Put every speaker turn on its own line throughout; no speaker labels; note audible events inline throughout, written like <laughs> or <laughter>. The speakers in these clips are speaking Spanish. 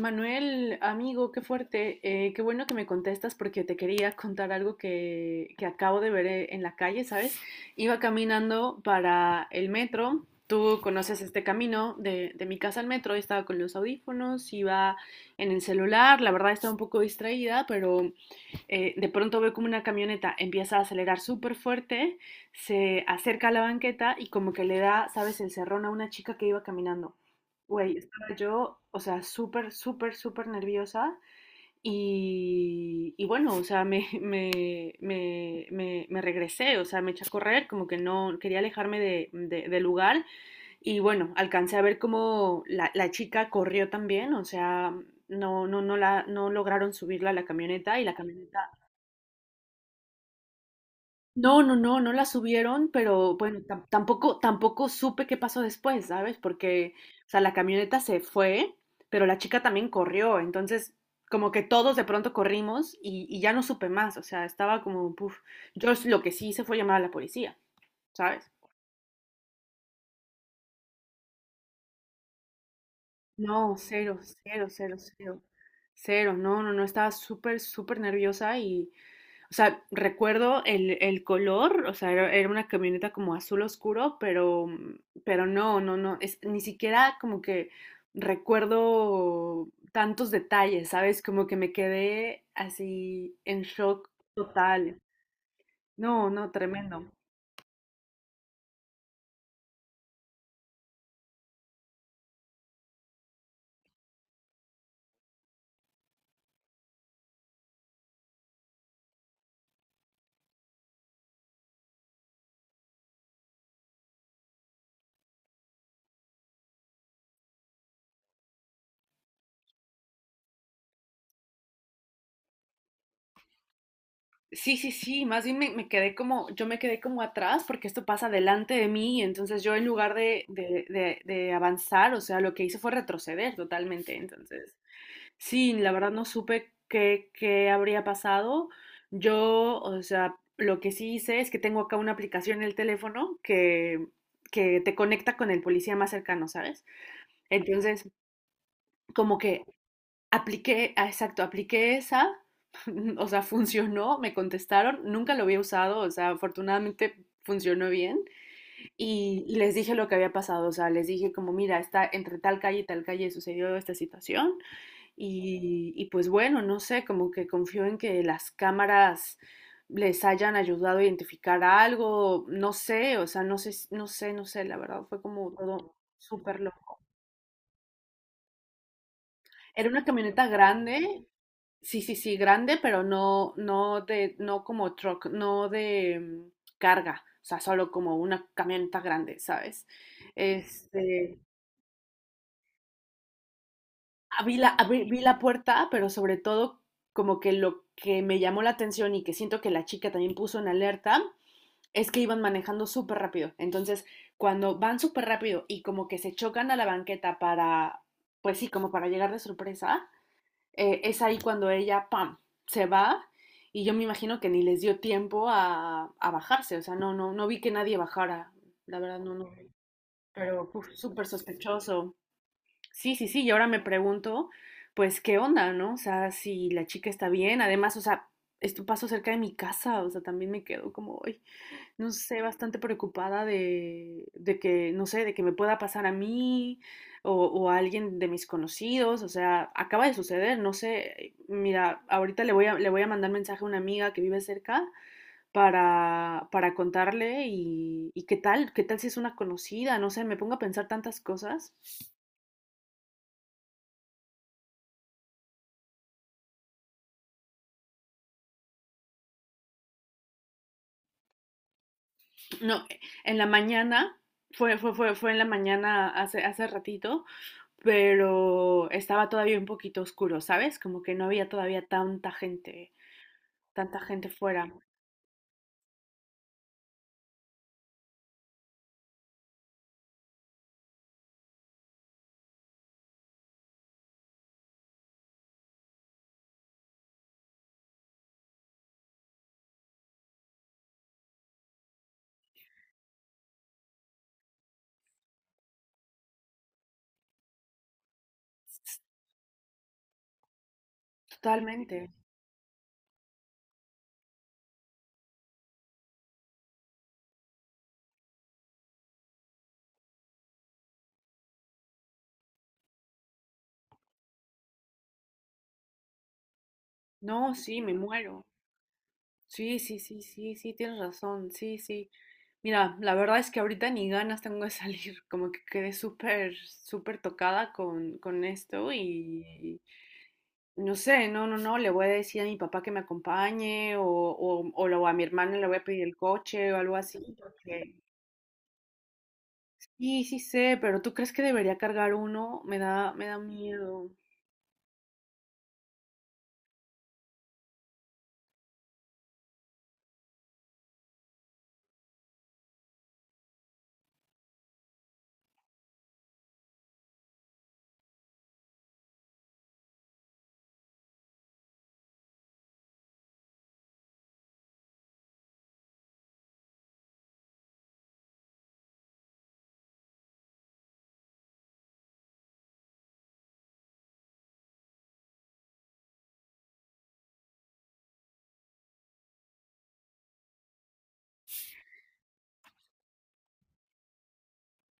Manuel, amigo, qué fuerte. Qué bueno que me contestas porque te quería contar algo que acabo de ver en la calle, ¿sabes? Iba caminando para el metro. Tú conoces este camino de mi casa al metro. Estaba con los audífonos, iba en el celular. La verdad estaba un poco distraída, pero de pronto ve como una camioneta empieza a acelerar súper fuerte, se acerca a la banqueta y como que le da, ¿sabes?, el cerrón a una chica que iba caminando. Güey, estaba yo, o sea, súper, súper, súper nerviosa y bueno, o sea, me regresé, o sea, me eché a correr, como que no quería alejarme del lugar y bueno, alcancé a ver cómo la chica corrió también, o sea, no, no, no, la, no lograron subirla a la camioneta y la camioneta. No, no, no, no la subieron, pero bueno, tampoco supe qué pasó después, ¿sabes? Porque, o sea, la camioneta se fue, pero la chica también corrió, entonces como que todos de pronto corrimos y ya no supe más, o sea, estaba como, puf, lo que sí hice fue llamar a la policía, ¿sabes? No, cero, cero, cero, cero, cero, no, no, no, estaba súper, súper nerviosa y. O sea, recuerdo el color, o sea, era una camioneta como azul oscuro, pero no, no, no, es, ni siquiera como que recuerdo tantos detalles, ¿sabes? Como que me quedé así en shock total. No, no, tremendo. Sí, sí, sí, más bien me quedé como, yo me quedé como atrás porque esto pasa delante de mí, y entonces yo en lugar de avanzar, o sea, lo que hice fue retroceder totalmente, entonces. Sí, la verdad no supe qué, qué habría pasado. Yo, o sea, lo que sí hice es que tengo acá una aplicación en el teléfono que te conecta con el policía más cercano, ¿sabes? Entonces, como que apliqué, ah, exacto, apliqué esa, <laughs> o sea, funcionó, me contestaron, nunca lo había usado, o sea, afortunadamente funcionó bien. Y les dije lo que había pasado, o sea, les dije como, mira, está entre tal calle y tal calle sucedió esta situación. Y pues bueno, no sé, como que confío en que las cámaras les hayan ayudado a identificar algo, no sé, o sea, no sé, no sé, no sé, la verdad fue como todo súper loco. Era una camioneta grande, sí, sí, sí, grande, pero no, no de, no como truck, no de carga, o sea, solo como una camioneta grande, ¿sabes? Este, vi la puerta, pero sobre todo como que lo que me llamó la atención y que siento que la chica también puso en alerta es que iban manejando súper rápido. Entonces, cuando van súper rápido y como que se chocan a la banqueta para, pues sí, como para llegar de sorpresa, es ahí cuando ella, ¡pam!, se va y yo me imagino que ni les dio tiempo a bajarse. O sea, no, no, no vi que nadie bajara. La verdad, no, no. Pero uf, súper sospechoso. Sí, sí, sí, y ahora me pregunto, pues, ¿qué onda, no? O sea, si la chica está bien, además, o sea, esto pasó cerca de mi casa, o sea, también me quedo como, ay, no sé, bastante preocupada de que, no sé, de que me pueda pasar a mí o a alguien de mis conocidos, o sea, acaba de suceder, no sé, mira, ahorita le voy a mandar mensaje a una amiga que vive cerca para contarle y qué tal si es una conocida, no sé, me pongo a pensar tantas cosas. No, en la mañana, fue en la mañana hace ratito, pero estaba todavía un poquito oscuro, ¿sabes? Como que no había todavía tanta gente fuera. Totalmente. No, sí, me muero. Sí, sí, sí, sí, sí, tienes razón. Sí, sí. Mira, la verdad es que ahorita ni ganas tengo de salir, como que quedé súper, súper tocada con esto y no sé, no, no, no, le voy a decir a mi papá que me acompañe o lo- a mi hermana le voy a pedir el coche o algo así, porque sí, sí sé, pero ¿tú crees que debería cargar uno? Me da miedo.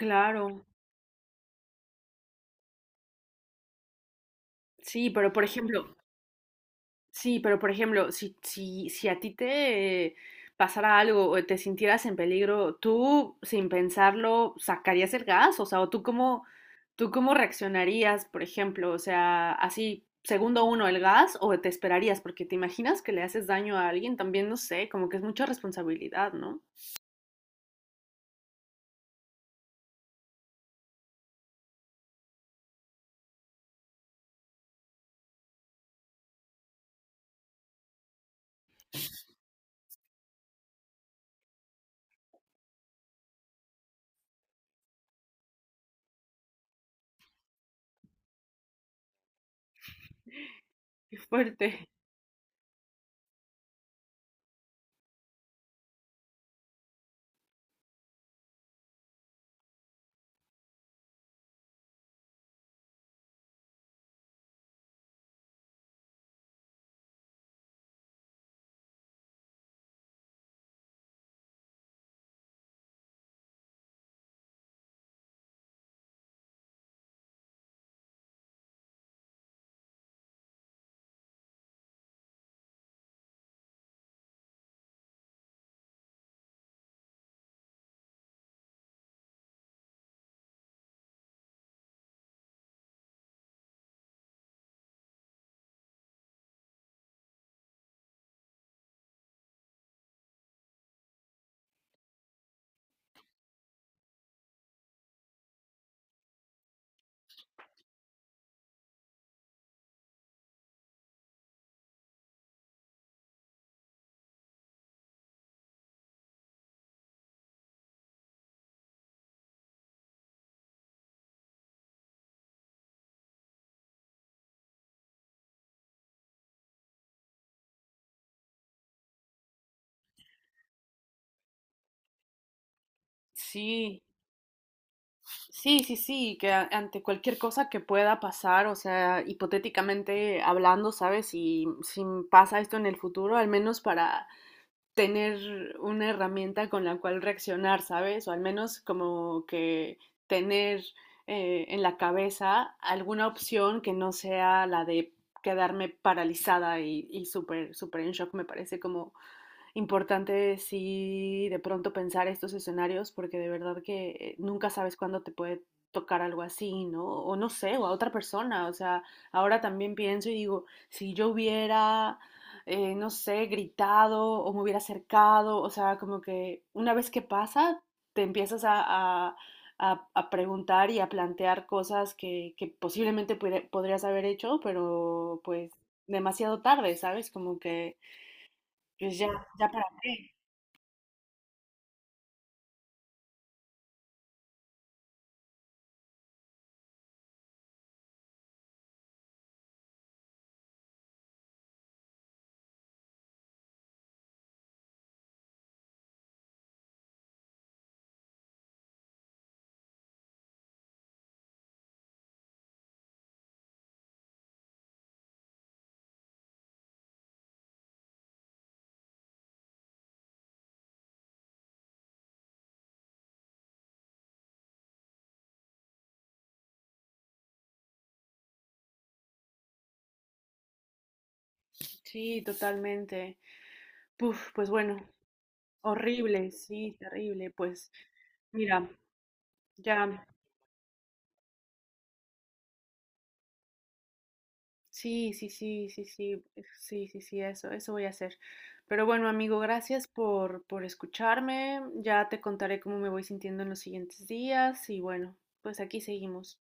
Claro, sí, pero por ejemplo. Sí, pero por ejemplo, si a ti te pasara algo o te sintieras en peligro, ¿tú sin pensarlo sacarías el gas? O sea, ¿o tú cómo reaccionarías, por ejemplo? O sea, así, segundo uno, el gas o te esperarías, porque te imaginas que le haces daño a alguien, también no sé, como que es mucha responsabilidad, ¿no? Qué fuerte. Sí. Sí, sí, sí, que ante cualquier cosa que pueda pasar, o sea, hipotéticamente hablando, ¿sabes? Si pasa esto en el futuro, al menos para tener una herramienta con la cual reaccionar, ¿sabes? O al menos como que tener en la cabeza alguna opción que no sea la de quedarme paralizada y súper, súper en shock, me parece como importante. Sí, de pronto pensar estos escenarios porque de verdad que nunca sabes cuándo te puede tocar algo así, ¿no? O no sé, o a otra persona. O sea, ahora también pienso y digo, si yo hubiera, no sé, gritado o me hubiera acercado, o sea, como que una vez que pasa, te empiezas a- a preguntar y a plantear cosas que posiblemente podrías haber hecho, pero pues demasiado tarde, ¿sabes? Como que, pues ya, ya para qué. Sí, totalmente. Puf, pues bueno, horrible, sí, terrible. Pues mira, ya, sí, sí, sí, sí, sí, sí, sí, sí, eso voy a hacer. Pero bueno, amigo, gracias por escucharme. Ya te contaré cómo me voy sintiendo en los siguientes días y bueno, pues aquí seguimos.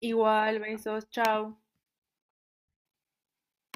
Igual, besos, chao.